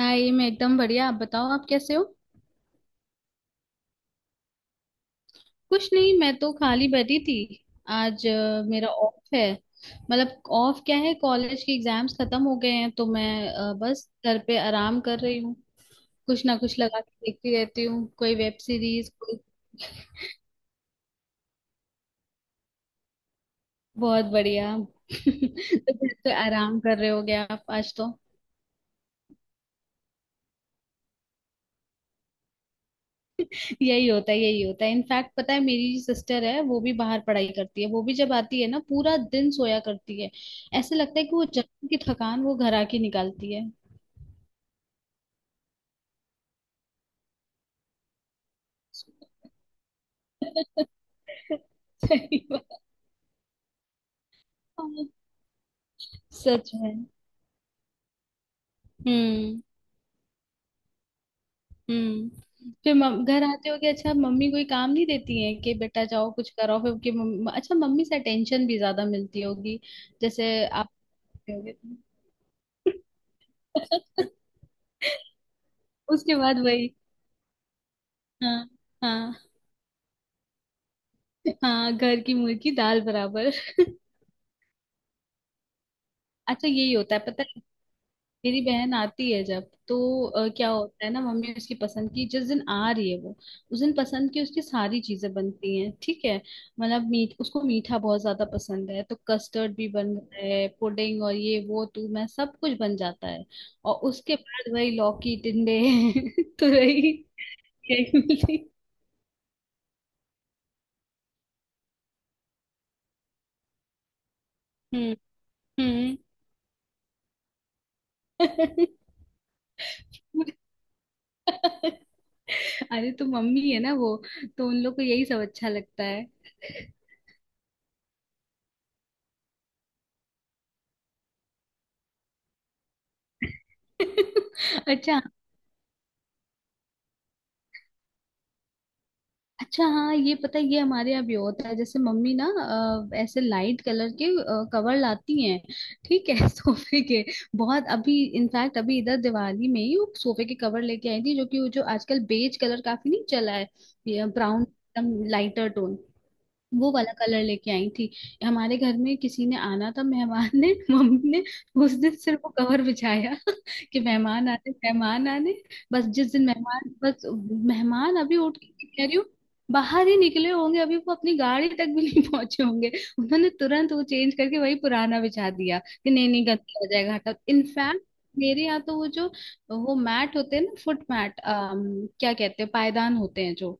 हाँ, ये मैं एकदम बढ़िया। आप बताओ आप कैसे हो? कुछ नहीं, मैं तो खाली बैठी थी। आज मेरा ऑफ है। मतलब ऑफ क्या है, कॉलेज के एग्जाम्स खत्म हो गए हैं तो मैं बस घर पे आराम कर रही हूँ। कुछ ना कुछ लगा के देखती रहती हूँ, कोई वेब सीरीज कोई। बहुत बढ़िया। तो घर पे आराम कर रहे होगे आप आज तो। यही होता है, यही होता है। इनफैक्ट पता है, मेरी सिस्टर है, वो भी बाहर पढ़ाई करती है। वो भी जब आती है ना, पूरा दिन सोया करती है। ऐसे लगता है कि वो जमीन की थकान वो घर आके निकालती है। सही बात। सच में। हम्म। हम्म। फिर घर आते हो कि अच्छा, मम्मी कोई काम नहीं देती है कि बेटा जाओ कुछ करो। फिर कि अच्छा, मम्मी से अटेंशन भी ज्यादा मिलती होगी जैसे आप होगे। उसके बाद वही। हाँ। हाँ। हाँ, घर की मुर्गी दाल बराबर। अच्छा, यही होता है पता है। मेरी बहन आती है जब तो क्या होता है ना, मम्मी उसकी पसंद की, जिस दिन आ रही है वो उस दिन पसंद की उसकी सारी चीजें बनती हैं ठीक है। मतलब मीठ उसको मीठा बहुत ज्यादा पसंद है, तो कस्टर्ड भी बन रहा है, पुडिंग और ये वो तू मैं सब कुछ बन जाता है। और उसके बाद वही लौकी टिंडे। तो वही, यही मिली। हम्म। हम्म। मुझे अरे, तो मम्मी है ना वो, तो उन लोग को यही सब अच्छा लगता है। अच्छा। अच्छा, हाँ ये पता है, ये हमारे यहाँ भी होता है। जैसे मम्मी ना ऐसे लाइट कलर के कवर लाती हैं ठीक है। सोफे के बहुत। अभी इनफैक्ट अभी इधर दिवाली में ही वो सोफे के कवर लेके आई थी, जो कि वो, जो आजकल बेज कलर काफी नहीं चला है, ब्राउन एकदम लाइटर टोन, वो वाला कलर लेके आई थी। हमारे घर में किसी ने आना था, मेहमान ने। मम्मी ने उस दिन सिर्फ वो कवर बिछाया। कि मेहमान आने, मेहमान आने। बस जिस दिन मेहमान, बस मेहमान अभी उठ के कह रही हूँ बाहर ही निकले होंगे, अभी वो अपनी गाड़ी तक भी नहीं पहुंचे होंगे, उन्होंने तुरंत वो चेंज करके वही पुराना बिछा दिया कि नहीं नहीं गंदा हो जाएगा हटा, इनफैक्ट। मेरे यहाँ तो वो जो, वो मैट होते हैं ना, फुट मैट, क्या कहते हैं पायदान होते हैं जो,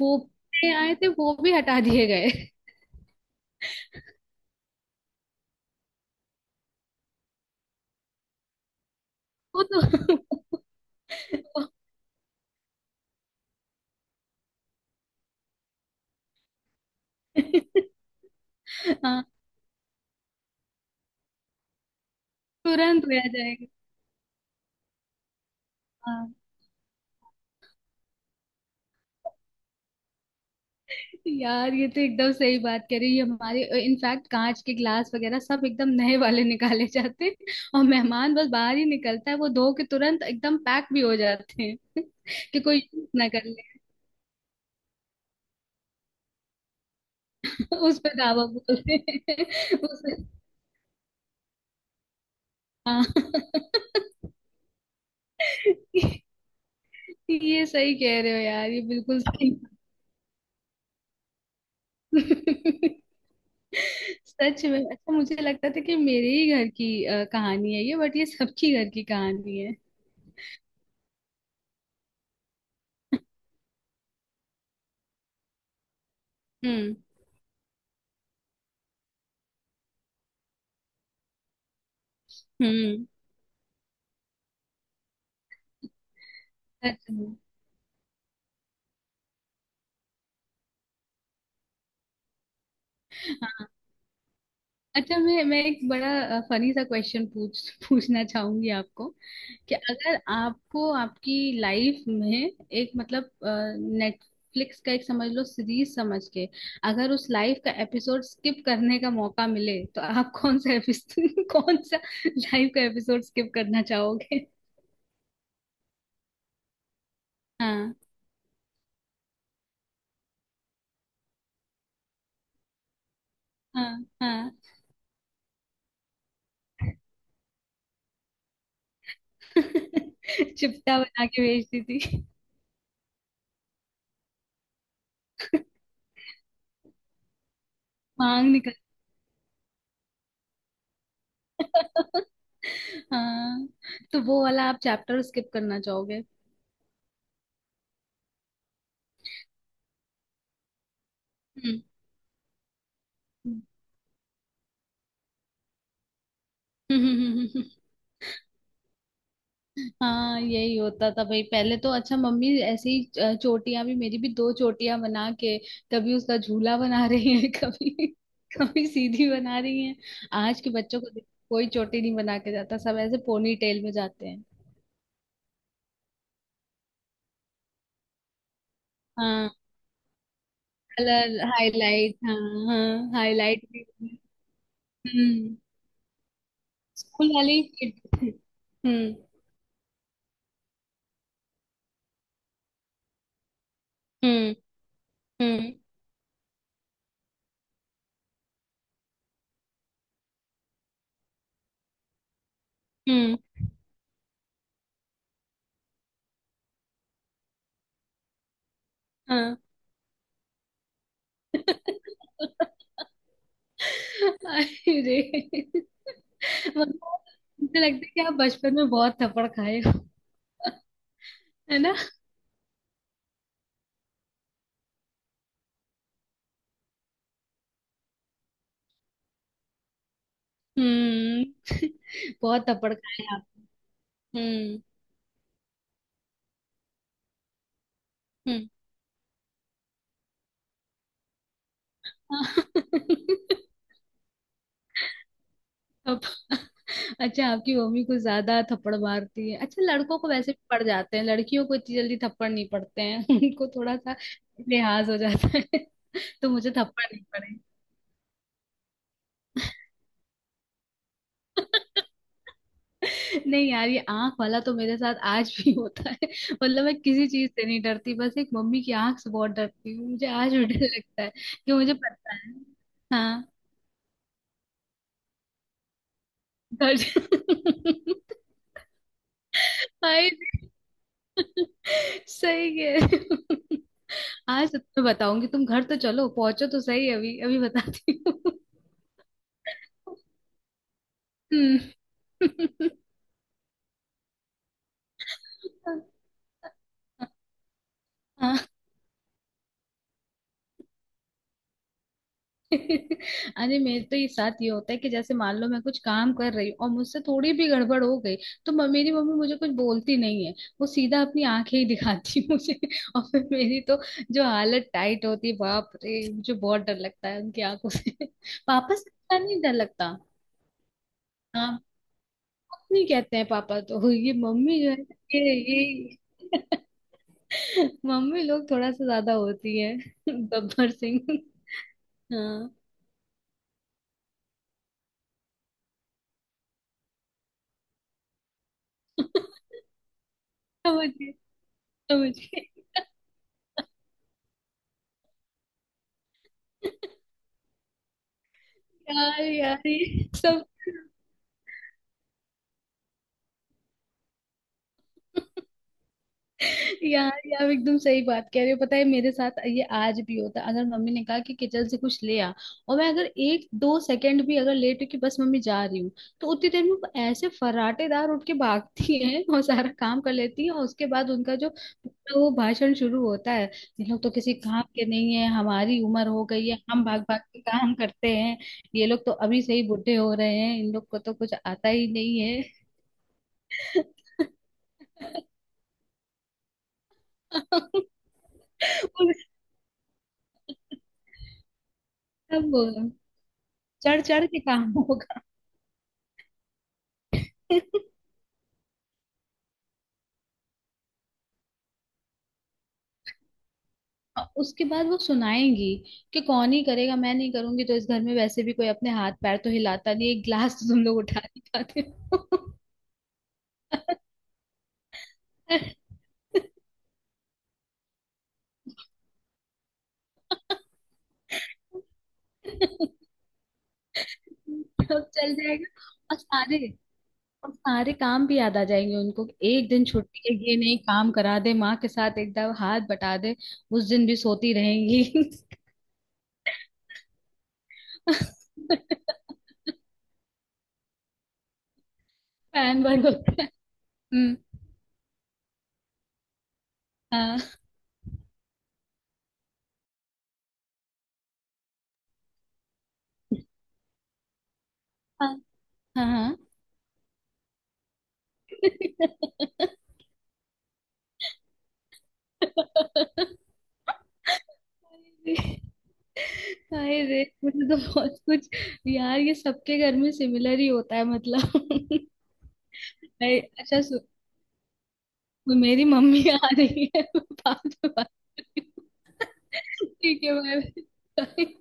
वो पे आए थे वो भी हटा दिए गए। वो तो। हाँ, तुरंत हो जाएगा। हाँ। यार ये तो एकदम सही बात कह रही है। हमारे इनफैक्ट कांच के ग्लास वगैरह सब एकदम नए वाले निकाले जाते हैं, और मेहमान बस बाहर ही निकलता है वो धो के तुरंत एकदम पैक भी हो जाते हैं। कि कोई यूज ना कर ले। उस पे दावा बोलते हैं। उस हाँ। ये सही कह रहे हो यार, ये बिल्कुल सही बात। सच में। अच्छा, मुझे लगता था कि मेरे ही घर की कहानी है ये, बट ये सबकी घर की कहानी है। हम्म। हम्म। अच्छा। हाँ। अच्छा, मैं एक बड़ा फनी सा क्वेश्चन पूछना चाहूंगी आपको कि अगर आपको आपकी लाइफ में एक, मतलब नेटफ्लिक्स का एक समझ लो, सीरीज समझ के, अगर उस लाइफ का एपिसोड स्किप करने का मौका मिले तो आप कौन सा एपिसोड कौन सा लाइफ का एपिसोड स्किप करना चाहोगे? हाँ। हाँ। हाँ। चिपटा बना के भेजती थी मांग। हाँ, तो वो वाला आप चैप्टर स्किप करना चाहोगे? हम्म। हम्म। हाँ, यही होता था भाई पहले तो। अच्छा, मम्मी ऐसे ही चोटियां भी, मेरी भी दो चोटियां बना के, कभी उसका झूला बना रही है कभी, कभी सीधी बना रही है। आज के बच्चों को देखो, कोई चोटी नहीं बना के जाता, सब ऐसे पोनी टेल में जाते हैं। हाँ, कलर हाईलाइट। हाँ। हाँ, हाईलाइट भी। हम्म। स्कूल वाली। हम्म। हम्म। हम्म। हम्म। हाँ। अरे, मतलब मुझे लगता है कि आप बचपन में बहुत थप्पड़ खाए हो, है ना? हम्म। बहुत थप्पड़ खाए आप। हम्म। हम्म। अब- अच्छा, आपकी मम्मी कुछ ज्यादा थप्पड़ मारती है। अच्छा, लड़कों को वैसे भी पड़ जाते हैं, लड़कियों को इतनी जल्दी थप्पड़ नहीं पड़ते हैं उनको थोड़ा सा लिहाज हो जाता है। तो मुझे थप्पड़ नहीं पड़े। नहीं यार, ये आंख वाला तो मेरे साथ आज भी होता है। मतलब मैं किसी चीज से नहीं डरती, बस एक मम्मी की आंख से बहुत डरती हूँ, मुझे आज भी डर लगता है कि मुझे पता है। हाँ, डर। हाय, सही है। आज तो तुम्हें बताऊंगी, तुम घर तो चलो, पहुंचो तो सही, अभी अभी बताती हूँ। हम्म। हाँ, अरे मेरे तो ये साथ ये होता है कि जैसे मान लो मैं कुछ काम कर रही हूँ और मुझसे थोड़ी भी गड़बड़ हो गई, तो मेरी मम्मी मुझे कुछ बोलती नहीं है, वो सीधा अपनी आंखें ही दिखाती है मुझे। और फिर मेरी तो जो हालत टाइट होती है, बाप रे, मुझे बहुत डर लगता है उनकी आंखों से। पापा से इतना नहीं डर लगता। हाँ, कुछ नहीं कहते हैं पापा तो। ये मम्मी जो है, ये। मम्मी लोग थोड़ा सा ज्यादा होती है, गब्बर सिंह। हाँ। समझिए, समझिए। यार यार ये सब। यार ये आप एकदम सही बात कह रहे हो, पता है मेरे साथ ये आज भी होता है। अगर मम्मी ने कहा कि किचन से कुछ ले आ, और मैं अगर एक दो सेकंड भी अगर लेट हुई कि बस मम्मी जा रही हूँ, तो उतनी देर में वो ऐसे फर्राटेदार उठ के भागती है और सारा काम कर लेती है। और उसके बाद उनका जो पूरा वो भाषण शुरू होता है, ये लोग तो किसी काम के नहीं है, हमारी उम्र हो गई है, हम भाग भाग के काम करते हैं, ये लोग तो अभी से ही बूढ़े हो रहे हैं, इन लोग को तो कुछ आता ही नहीं है। वो सब चढ़ चढ़ के काम होगा। और उसके बाद वो सुनाएंगी कि कौन ही करेगा, मैं नहीं करूंगी तो, इस घर में वैसे भी कोई अपने हाथ पैर तो हिलाता नहीं, एक गिलास तो तुम लोग उठा नहीं पाते हो। सब चल जाएगा। और सारे और सारे काम भी याद आ जाएंगे उनको कि एक दिन छुट्टी है, ये नहीं काम करा दे माँ के साथ, एकदम हाथ बटा दे, उस दिन भी सोती रहेंगी। फैन वर्ड होता है। हम्म। हाँ। हाँ। हाँ। हाँ। हाय रे। हाय रे, मुझे तो बहुत कुछ। यार ये सबके घर में सिमिलर ही होता है मतलब। अरे, अच्छा, मेरी मम्मी आ रही है, बाद में बात करती हूँ। ठीक है, बाय।